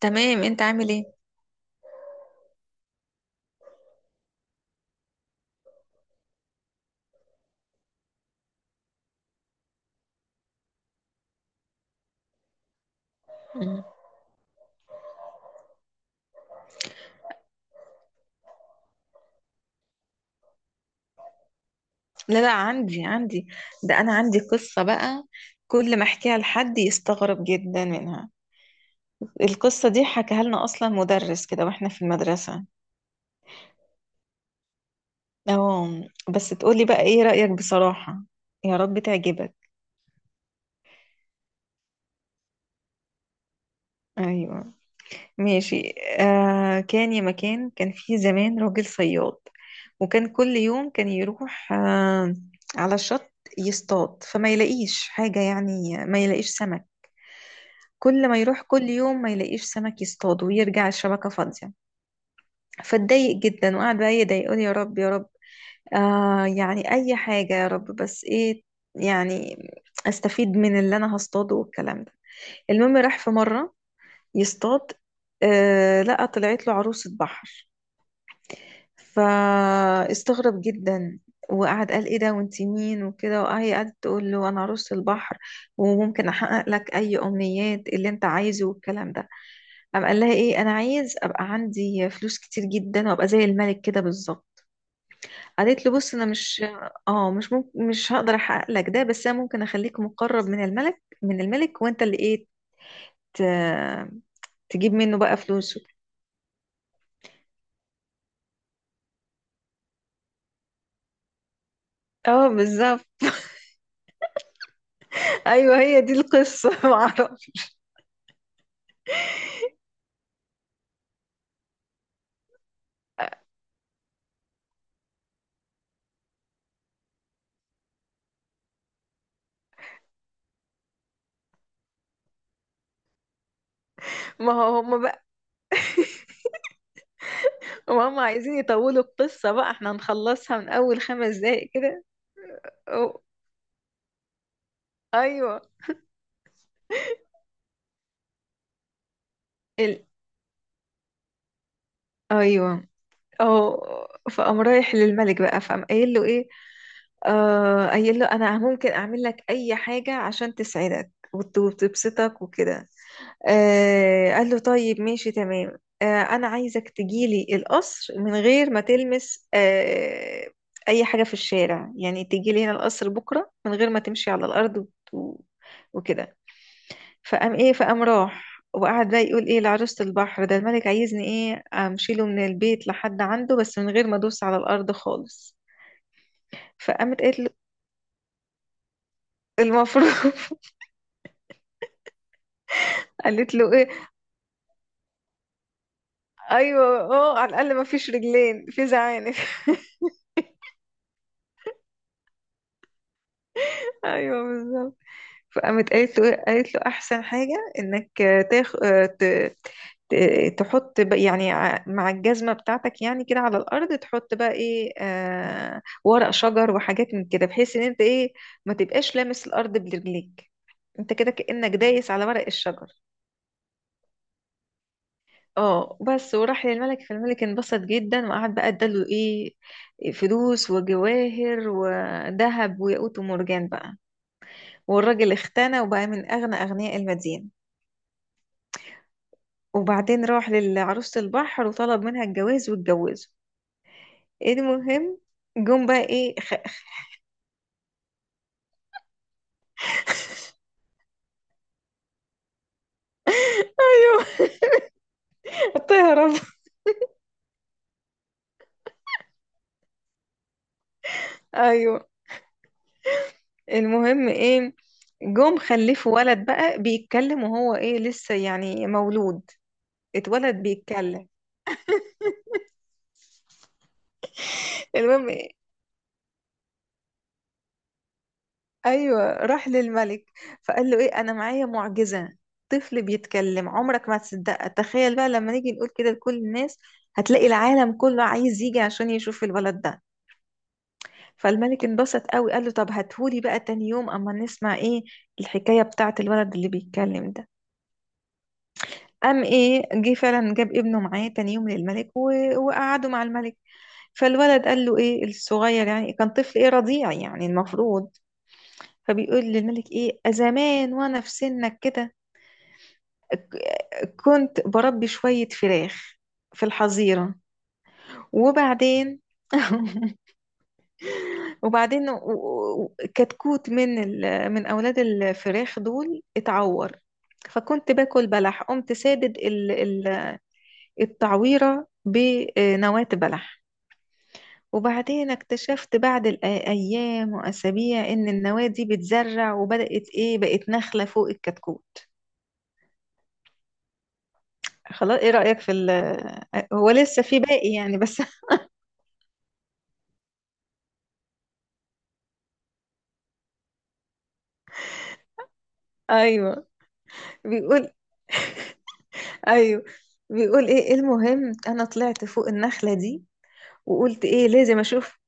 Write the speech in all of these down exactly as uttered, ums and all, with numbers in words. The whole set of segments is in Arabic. تمام، انت عامل ايه؟ مم. لا لا، عندي عندي ده انا عندي قصة بقى، كل ما احكيها لحد يستغرب جدا منها. القصة دي حكاها لنا اصلا مدرس كده واحنا في المدرسة. اه، بس تقولي بقى ايه رأيك بصراحة؟ يا رب تعجبك. ايوه، ماشي. آه كان يا مكان، كان في زمان راجل صياد، وكان كل يوم كان يروح آه على الشط يصطاد، فما يلاقيش حاجة، يعني ما يلاقيش سمك. كل ما يروح كل يوم ما يلاقيش سمك يصطاد ويرجع الشبكة فاضية. فاتضايق جدا وقعد بقى يدعي، يقول: يا رب يا رب، آه يعني أي حاجة يا رب، بس إيه يعني، أستفيد من اللي أنا هصطاده والكلام ده. المهم راح في مرة يصطاد، آه لقى طلعت له عروسة بحر. فاستغرب جدا وقعد قال: ايه ده وانت مين وكده. وهي قعدت تقول له: انا عروسة البحر، وممكن احقق لك اي امنيات اللي انت عايزه والكلام ده. قام قال لها ايه: انا عايز ابقى عندي فلوس كتير جدا وابقى زي الملك كده بالظبط. قالت له: بص، انا مش... اه مش ممكن، مش هقدر احقق لك ده، بس انا ممكن اخليك مقرب من الملك من الملك وانت اللي ايه ت- تجيب منه بقى فلوسه. اه، بالظبط. ايوه هي دي القصه. معرفش. ما هو هم وهم عايزين يطولوا القصة، بقى احنا هنخلصها من أول خمس دقايق كده. أو أيوه. ال... أيوه. أه فقام رايح للملك بقى، فقام قايل له إيه، آه قايل له: أنا ممكن أعمل لك أي حاجة عشان تسعدك وت- وتبسطك وكده. آه قال له: طيب ماشي تمام، آه أنا عايزك تجيلي القصر من غير ما تلمس آه أي حاجة في الشارع، يعني تجيلي هنا القصر بكرة من غير ما تمشي على الأرض وت- وكده. فقام ايه فقام راح وقعد بقى يقول ايه لعروسة البحر: ده الملك عايزني ايه امشي له من البيت لحد عنده، بس من غير ما ادوس على الارض خالص. فقامت قالت له المفروض، قالت له ايه. ايوه اه، على الاقل ما فيش رجلين في زعانف. ايوه بالظبط. فقامت قالت له إيه؟ قالت له: احسن حاجه انك تاخ ت- ت- تحط بقى، يعني ع- مع الجزمه بتاعتك يعني كده على الارض، تحط بقى ايه، آه ورق شجر وحاجات من كده، بحيث ان انت ايه ما تبقاش لامس الارض برجليك. انت كده كانك دايس على ورق الشجر. اه بس، وراح للملك. فالملك انبسط جدا وقعد بقى اداله ايه: فلوس وجواهر وذهب وياقوت ومرجان بقى. والراجل اختنى وبقى من اغنى اغنياء المدينه. وبعدين راح لعروسة البحر وطلب منها الجواز واتجوزوا. إيه المهم، جم بقى ايه خ... ايوه، تهرب. ايوه المهم ايه، جم خلفوا ولد بقى بيتكلم، وهو ايه لسه يعني مولود، اتولد بيتكلم. المهم إيه؟ ايوه راح للملك، فقال له ايه: انا معايا معجزة، طفل بيتكلم عمرك ما هتصدقها، تخيل بقى لما نيجي نقول كده لكل الناس هتلاقي العالم كله عايز يجي عشان يشوف الولد ده. فالملك انبسط قوي، قال له: طب هاتهولي بقى تاني يوم اما نسمع ايه الحكاية بتاعت الولد اللي بيتكلم ده. قام ايه جه فعلا جاب ابنه معاه تاني يوم للملك و- وقعدوا مع الملك. فالولد قال له ايه الصغير، يعني كان طفل ايه رضيع يعني المفروض، فبيقول للملك ايه: زمان وانا في سنك كده ك- كنت بربي شوية فراخ في الحظيرة. وبعدين وبعدين و- و- كتكوت من ال... من اولاد الفراخ دول اتعور، فكنت باكل بلح، قمت سادد ال... ال... التعويره بنواه بلح. وبعدين اكتشفت بعد الايام واسابيع ان النواه دي بتزرع، وبدات ايه بقت نخله فوق الكتكوت. خلاص ايه رايك في ال... هو لسه في باقي يعني بس. ايوه بيقول، ايوه بيقول ايه، إيه المهم انا طلعت فوق النخله دي، وقلت ايه لازم اشوف.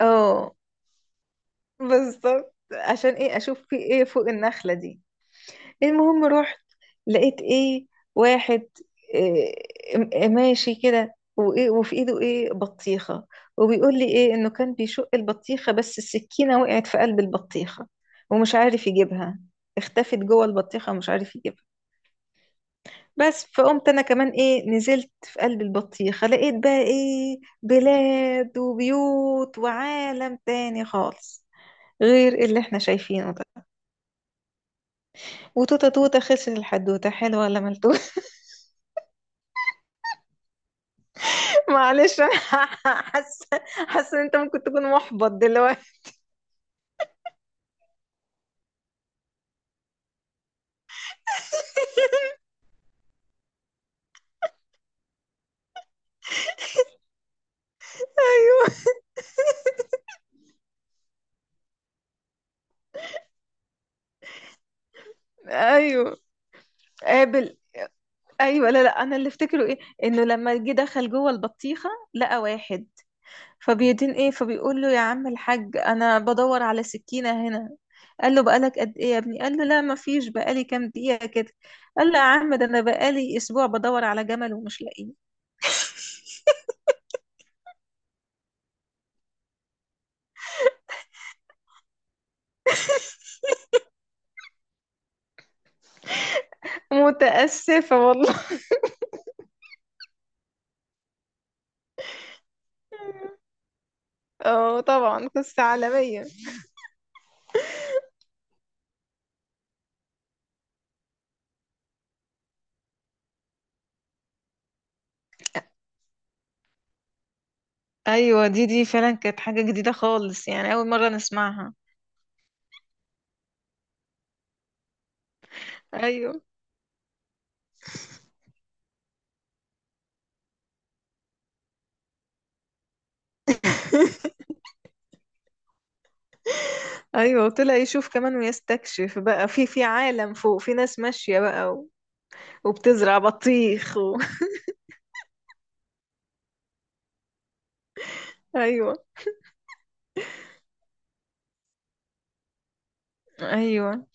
اه بالظبط، عشان ايه اشوف في ايه فوق النخلة دي. المهم رحت لقيت ايه واحد إيه م- ماشي كده وايه، وفي ايده ايه بطيخة، وبيقول لي ايه انه كان بيشق البطيخة بس السكينة وقعت في قلب البطيخة ومش عارف يجيبها، اختفت جوه البطيخة ومش عارف يجيبها. بس فقمت انا كمان ايه نزلت في قلب البطيخة، لقيت بقى ايه بلاد وبيوت وعالم تاني خالص غير اللي احنا شايفينه ده. وتوتة توتة، خسر الحدوتة حلوة ولا ملتوتة. معلش انا، حاسة حاسة ان انت ممكن تكون محبط دلوقتي. ايوه، ايوه، قابل، ايوه، لا، لا، انا اللي افتكره ايه: انه لما جه دخل جوه البطيخه لقى واحد فبيدين ايه، فبيقول له: يا عم الحاج، انا بدور على سكينه هنا. قال له: بقالك قد ايه يا ابني؟ قال له: لا ما فيش، بقالي كام دقيقه كده. قال له: يا عم ده انا بقالي اسبوع بدور على جمل ومش لاقيه. متأسفة والله. اه طبعا قصة عالمية. ايوه دي دي فعلا كانت حاجة جديدة خالص، يعني اول مرة نسمعها. ايوه. ايوه وطلع يشوف كمان ويستكشف بقى في في عالم فوق، في ناس ماشية بقى و... وبتزرع بطيخ و... ايوه، ايوه.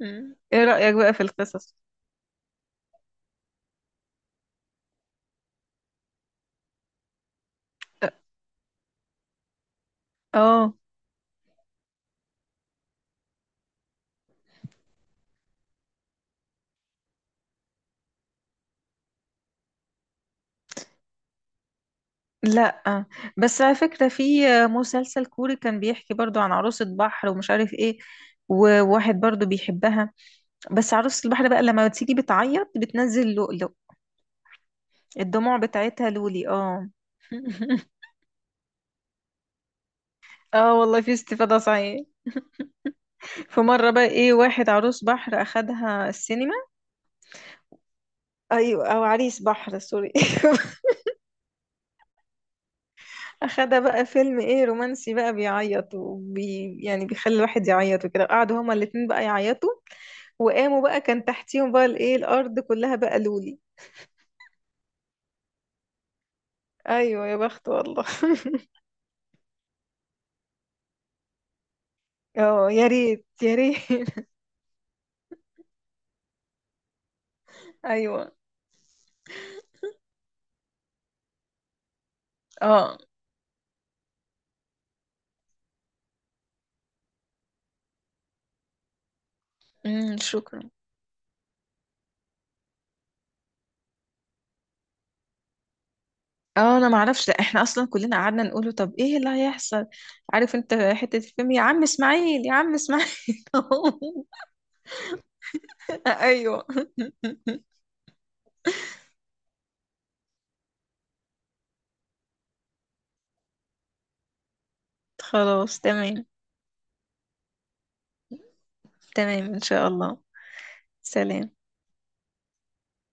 مم. ايه رأيك بقى في القصص؟ اه لا، بس على فكرة في مسلسل كوري كان بيحكي برضو عن عروسة بحر ومش عارف ايه، وواحد برضو بيحبها، بس عروسة البحر بقى لما بتيجي بتعيط بتنزل لؤلؤ. الدموع بتاعتها لولي، اه. اه والله في استفادة صحيح. في مرة بقى ايه واحد عروس بحر اخدها السينما. ايوه او عريس بحر سوري. اخدها بقى فيلم ايه رومانسي، بقى بيعيط وبي يعني بيخلي الواحد يعيط وكده، قعدوا هما الاتنين بقى يعيطوا، وقاموا بقى كان تحتيهم بقى الايه الارض كلها بقى لولي. ايوه يا بخت والله. اه يا ريت يا ريت. ايوه، اه. أمم، شكرا. اه انا ما اعرفش، ده احنا اصلا كلنا قعدنا نقوله طب ايه اللي هيحصل. عارف انت حتة الفيلم يا عم اسماعيل يا عم اسماعيل. ايوه خلاص تمام. تمام ان شاء الله. سلام.